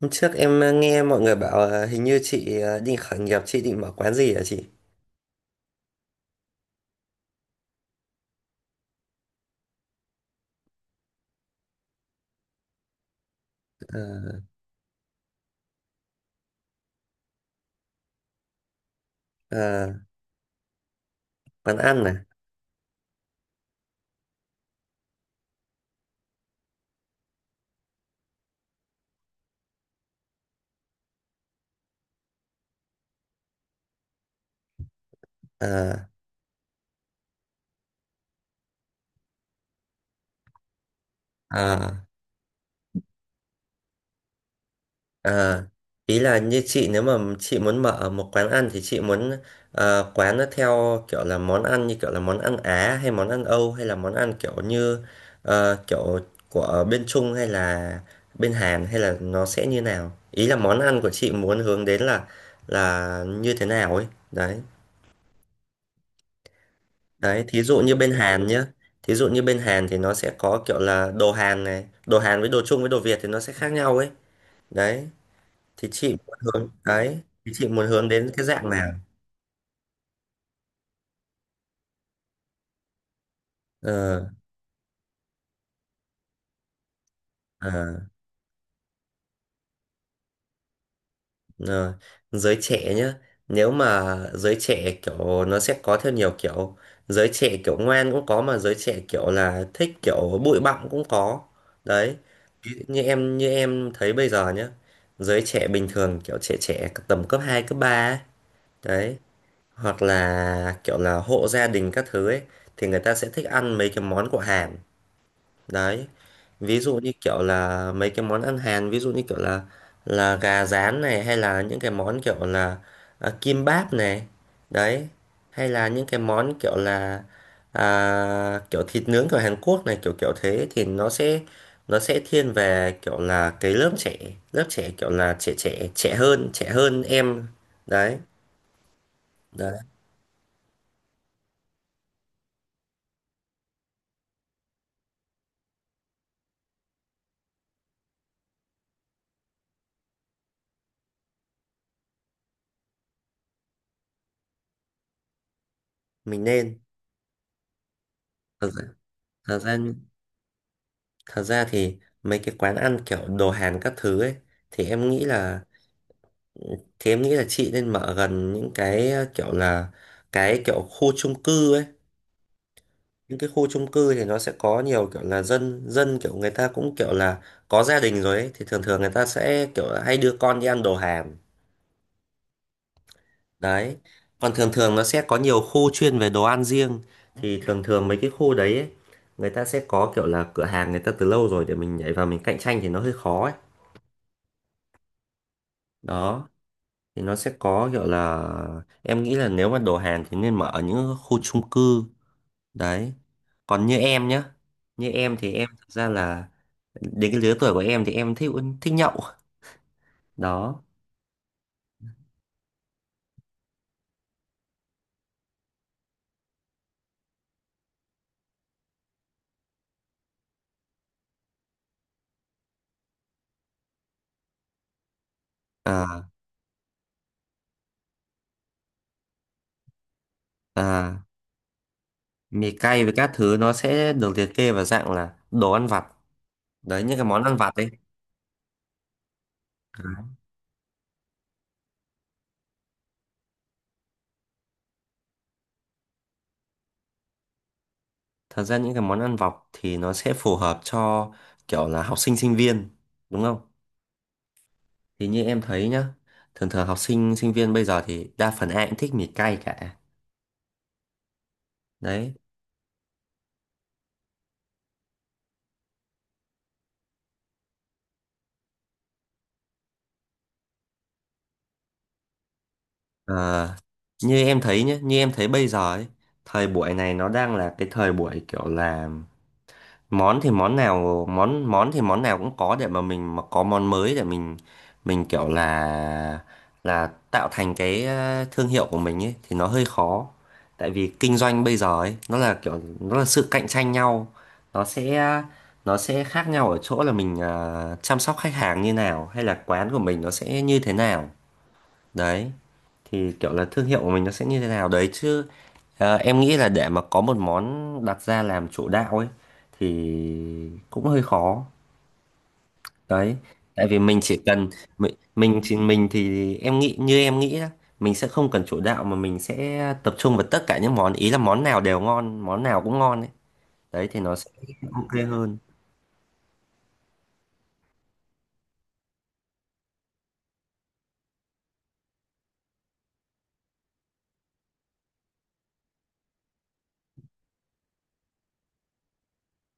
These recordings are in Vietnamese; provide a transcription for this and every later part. Hôm trước em nghe mọi người bảo hình như chị định khởi nghiệp, chị định mở quán gì hả chị? Ờ, ờ, quán ăn này. Ờ, ờ, ờ. Ý là như chị, nếu mà chị muốn mở một quán ăn thì chị muốn quán nó theo kiểu là món ăn, như kiểu là món ăn Á hay món ăn Âu, hay là món ăn kiểu như kiểu của bên Trung hay là bên Hàn, hay là nó sẽ như nào? Ý là món ăn của chị muốn hướng đến là như thế nào ấy. Đấy. Đấy, thí dụ như bên Hàn nhá. Thí dụ như bên Hàn thì nó sẽ có kiểu là đồ Hàn này, đồ Hàn với đồ Trung với đồ Việt thì nó sẽ khác nhau ấy. Đấy, thì chị muốn hướng đấy, thì chị muốn hướng đến cái dạng nào? Ờ, ờ, ờ. Giới trẻ nhá. Nếu mà giới trẻ kiểu, nó sẽ có theo nhiều kiểu: giới trẻ kiểu ngoan cũng có, mà giới trẻ kiểu là thích kiểu bụi bặm cũng có. Đấy, ví dụ như em, thấy bây giờ nhá. Giới trẻ bình thường, kiểu trẻ trẻ, tầm cấp 2 cấp 3 ấy. Đấy, hoặc là kiểu là hộ gia đình các thứ ấy, thì người ta sẽ thích ăn mấy cái món của Hàn. Đấy, ví dụ như kiểu là mấy cái món ăn Hàn, ví dụ như kiểu là gà rán này, hay là những cái món kiểu là à, kim báp này. Đấy, hay là những cái món kiểu là à, kiểu thịt nướng của Hàn Quốc này, kiểu kiểu thế thì nó sẽ thiên về kiểu là cái lớp trẻ, kiểu là trẻ trẻ, trẻ hơn, em. Đấy. Đấy, mình nên thật ra, thì mấy cái quán ăn kiểu đồ Hàn các thứ ấy, thì em nghĩ là, chị nên mở gần những cái kiểu là cái kiểu khu chung cư ấy. Những cái khu chung cư thì nó sẽ có nhiều kiểu là dân dân, kiểu người ta cũng kiểu là có gia đình rồi ấy, thì thường thường người ta sẽ kiểu là hay đưa con đi ăn đồ Hàn. Đấy, còn thường thường nó sẽ có nhiều khu chuyên về đồ ăn riêng, thì thường thường mấy cái khu đấy ấy, người ta sẽ có kiểu là cửa hàng, người ta từ lâu rồi, để mình nhảy vào mình cạnh tranh thì nó hơi khó ấy. Đó, thì nó sẽ có kiểu là em nghĩ là nếu mà đồ Hàn thì nên mở ở những khu chung cư. Đấy, còn như em nhá, như em thì em thực ra là đến cái lứa tuổi của em thì em thích, thích nhậu. Đó. À, à mì cay với các thứ nó sẽ được liệt kê vào dạng là đồ ăn vặt. Đấy, những cái món ăn vặt ấy. Đấy. Thật ra những cái món ăn vặt thì nó sẽ phù hợp cho kiểu là học sinh sinh viên, đúng không? Thì như em thấy nhá, thường thường học sinh sinh viên bây giờ thì đa phần ai cũng thích mì cay cả. Đấy. Ờ, như em thấy nhé, như em thấy bây giờ ấy, thời buổi này nó đang là cái thời buổi kiểu là món thì món nào, món món thì món nào cũng có, để mà mình mà có món mới, để mình kiểu là tạo thành cái thương hiệu của mình ấy thì nó hơi khó. Tại vì kinh doanh bây giờ ấy, nó là kiểu, nó là sự cạnh tranh nhau. Nó sẽ khác nhau ở chỗ là mình chăm sóc khách hàng như nào, hay là quán của mình nó sẽ như thế nào. Đấy, thì kiểu là thương hiệu của mình nó sẽ như thế nào đấy chứ. Ờ, em nghĩ là để mà có một món đặt ra làm chủ đạo ấy thì cũng hơi khó. Đấy, tại vì mình chỉ cần, mình chỉ mình thì em nghĩ, như em nghĩ đó, mình sẽ không cần chủ đạo, mà mình sẽ tập trung vào tất cả những món, ý là món nào đều ngon, món nào cũng ngon ấy. Đấy, thì nó sẽ ok hơn.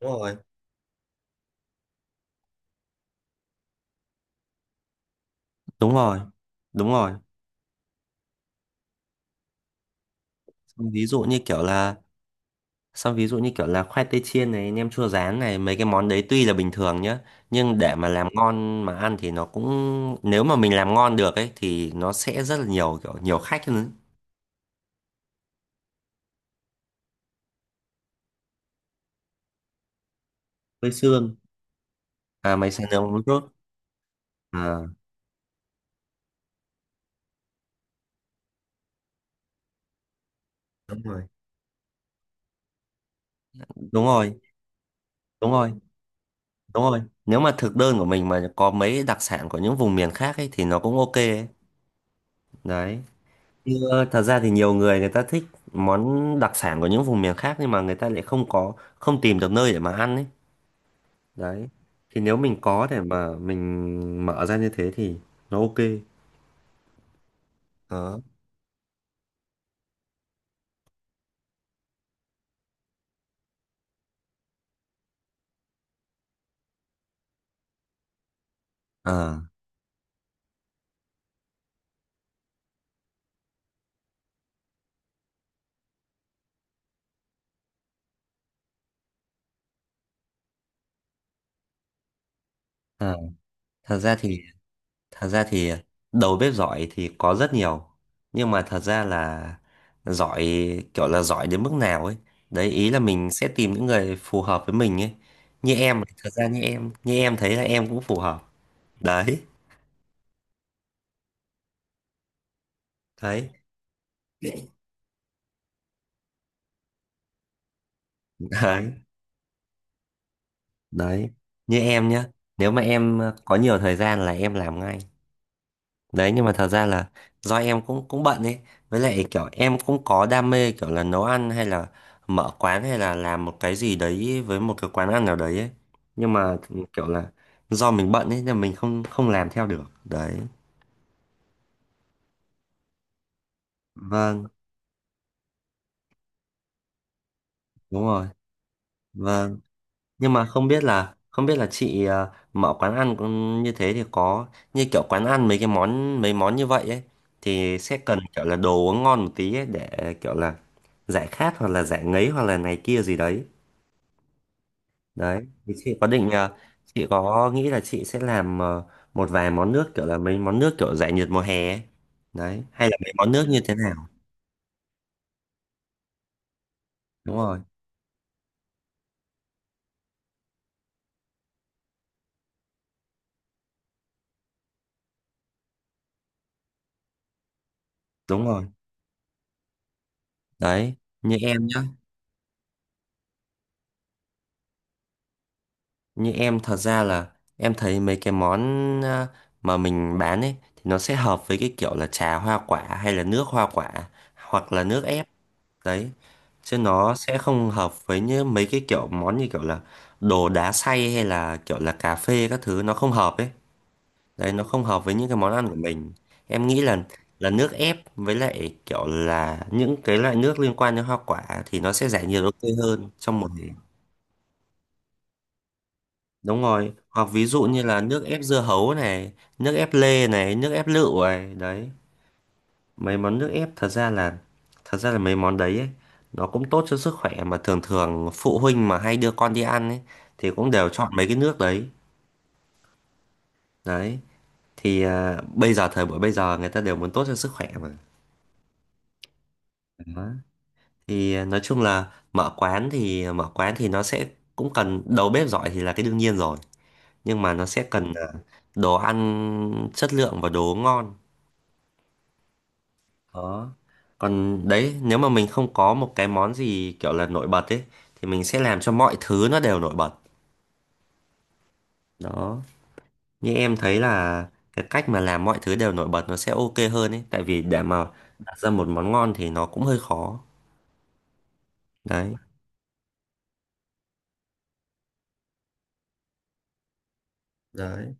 Đúng rồi. Đúng rồi, đúng rồi, ví dụ như kiểu là, xong ví dụ như kiểu là khoai tây chiên này, nem chua rán này. Mấy cái món đấy tuy là bình thường nhá, nhưng để mà làm ngon mà ăn thì nó cũng, nếu mà mình làm ngon được ấy thì nó sẽ rất là nhiều kiểu, nhiều khách hơn. Với xương, à mày sẽ nướng một chút. À đúng rồi. Đúng rồi, đúng rồi, đúng rồi. Nếu mà thực đơn của mình mà có mấy đặc sản của những vùng miền khác ấy thì nó cũng ok ấy. Đấy. Như thật ra thì nhiều người, người ta thích món đặc sản của những vùng miền khác, nhưng mà người ta lại không có, không tìm được nơi để mà ăn ấy. Đấy, thì nếu mình có để mà mình mở ra như thế thì nó ok. Đó. Ờ. Ờ. Thật ra thì, thật ra thì đầu bếp giỏi thì có rất nhiều, nhưng mà thật ra là giỏi, kiểu là giỏi đến mức nào ấy. Đấy, ý là mình sẽ tìm những người phù hợp với mình ấy, như em, thật ra, như em thấy là em cũng phù hợp. Đấy. Đấy. Đấy. Đấy, như em nhá, nếu mà em có nhiều thời gian là em làm ngay. Đấy, nhưng mà thật ra là do em cũng cũng bận ấy, với lại kiểu em cũng có đam mê kiểu là nấu ăn, hay là mở quán, hay là làm một cái gì đấy với một cái quán ăn nào đấy ấy. Nhưng mà kiểu là do mình bận ấy, nên mình không không làm theo được. Đấy. Vâng, đúng rồi. Vâng, nhưng mà không biết là chị mở quán ăn cũng như thế thì có, như kiểu quán ăn mấy cái món, mấy món như vậy ấy, thì sẽ cần kiểu là đồ uống ngon một tí ấy, để kiểu là giải khát, hoặc là giải ngấy, hoặc là này kia gì đấy. Đấy, thì chị có định ờ, chị có nghĩ là chị sẽ làm một vài món nước, kiểu là mấy món nước kiểu giải nhiệt mùa hè ấy. Đấy, hay là mấy món nước như thế nào? Đúng rồi, đúng rồi. Đấy, như em nhá, như em thật ra là em thấy mấy cái món ờ, mà mình bán ấy thì nó sẽ hợp với cái kiểu là trà hoa quả, hay là nước hoa quả, hoặc là nước ép. Đấy, chứ nó sẽ không hợp với như mấy cái kiểu món như kiểu là đồ đá xay, hay là kiểu là cà phê các thứ, nó không hợp ấy. Đấy, nó không hợp với những cái món ăn của mình. Em nghĩ là nước ép, với lại kiểu là những cái loại nước liên quan đến hoa quả thì nó sẽ giải nhiệt ok hơn trong một ngày. Đúng rồi, hoặc ví dụ như là nước ép dưa hấu này, nước ép lê này, nước ép lựu này. Đấy, mấy món nước ép, thật ra là mấy món đấy ấy, nó cũng tốt cho sức khỏe, mà thường thường phụ huynh mà hay đưa con đi ăn ấy thì cũng đều chọn mấy cái nước đấy. Đấy, thì à, bây giờ thời buổi bây giờ người ta đều muốn tốt cho sức khỏe mà. Đó. Thì nói chung là mở quán, thì nó sẽ cũng cần đầu bếp giỏi thì là cái đương nhiên rồi, nhưng mà nó sẽ cần à, đồ ăn chất lượng và đồ ngon. Đó. Còn đấy, nếu mà mình không có một cái món gì kiểu là nổi bật ấy thì mình sẽ làm cho mọi thứ nó đều nổi bật. Đó, như em thấy là cái cách mà làm mọi thứ đều nổi bật nó sẽ ok hơn ấy, tại vì để mà đặt ra một món ngon thì nó cũng hơi khó. Đấy. Đấy.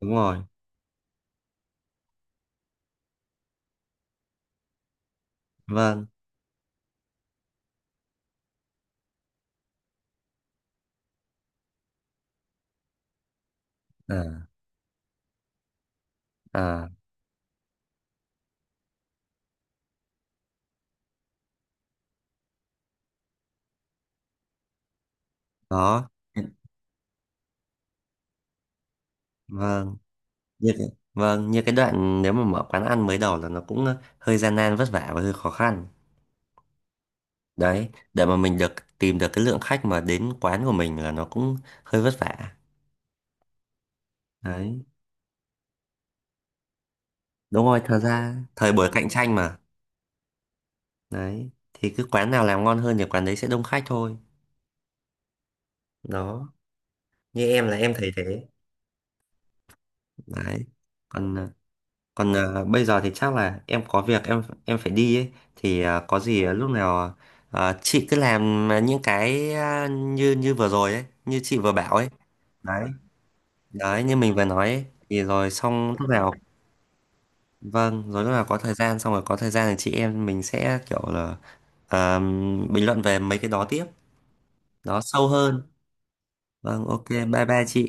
Đúng rồi. Vâng. À. À. Đó. vâng như cái, vâng, như cái đoạn nếu mà mở quán ăn mới đầu là nó cũng hơi gian nan vất vả và hơi khó khăn. Đấy, để mà mình được tìm được cái lượng khách mà đến quán của mình là nó cũng hơi vất vả. Đấy, đúng rồi, thật ra thời buổi cạnh tranh mà. Đấy, thì cứ quán nào làm ngon hơn thì quán đấy sẽ đông khách thôi. Đó, như em là em thấy thế. Đấy, còn ờ, Còn bây giờ thì chắc là em có việc, em phải đi ấy, thì có gì, lúc nào chị cứ làm những cái như như vừa rồi ấy, như chị vừa bảo ấy. Đấy, đấy như mình vừa nói ấy, thì rồi xong lúc nào, vâng, rồi lúc nào có thời gian, thì chị em mình sẽ kiểu là ờ, bình luận về mấy cái đó tiếp, đó sâu hơn. Vâng, ok, bye bye chị.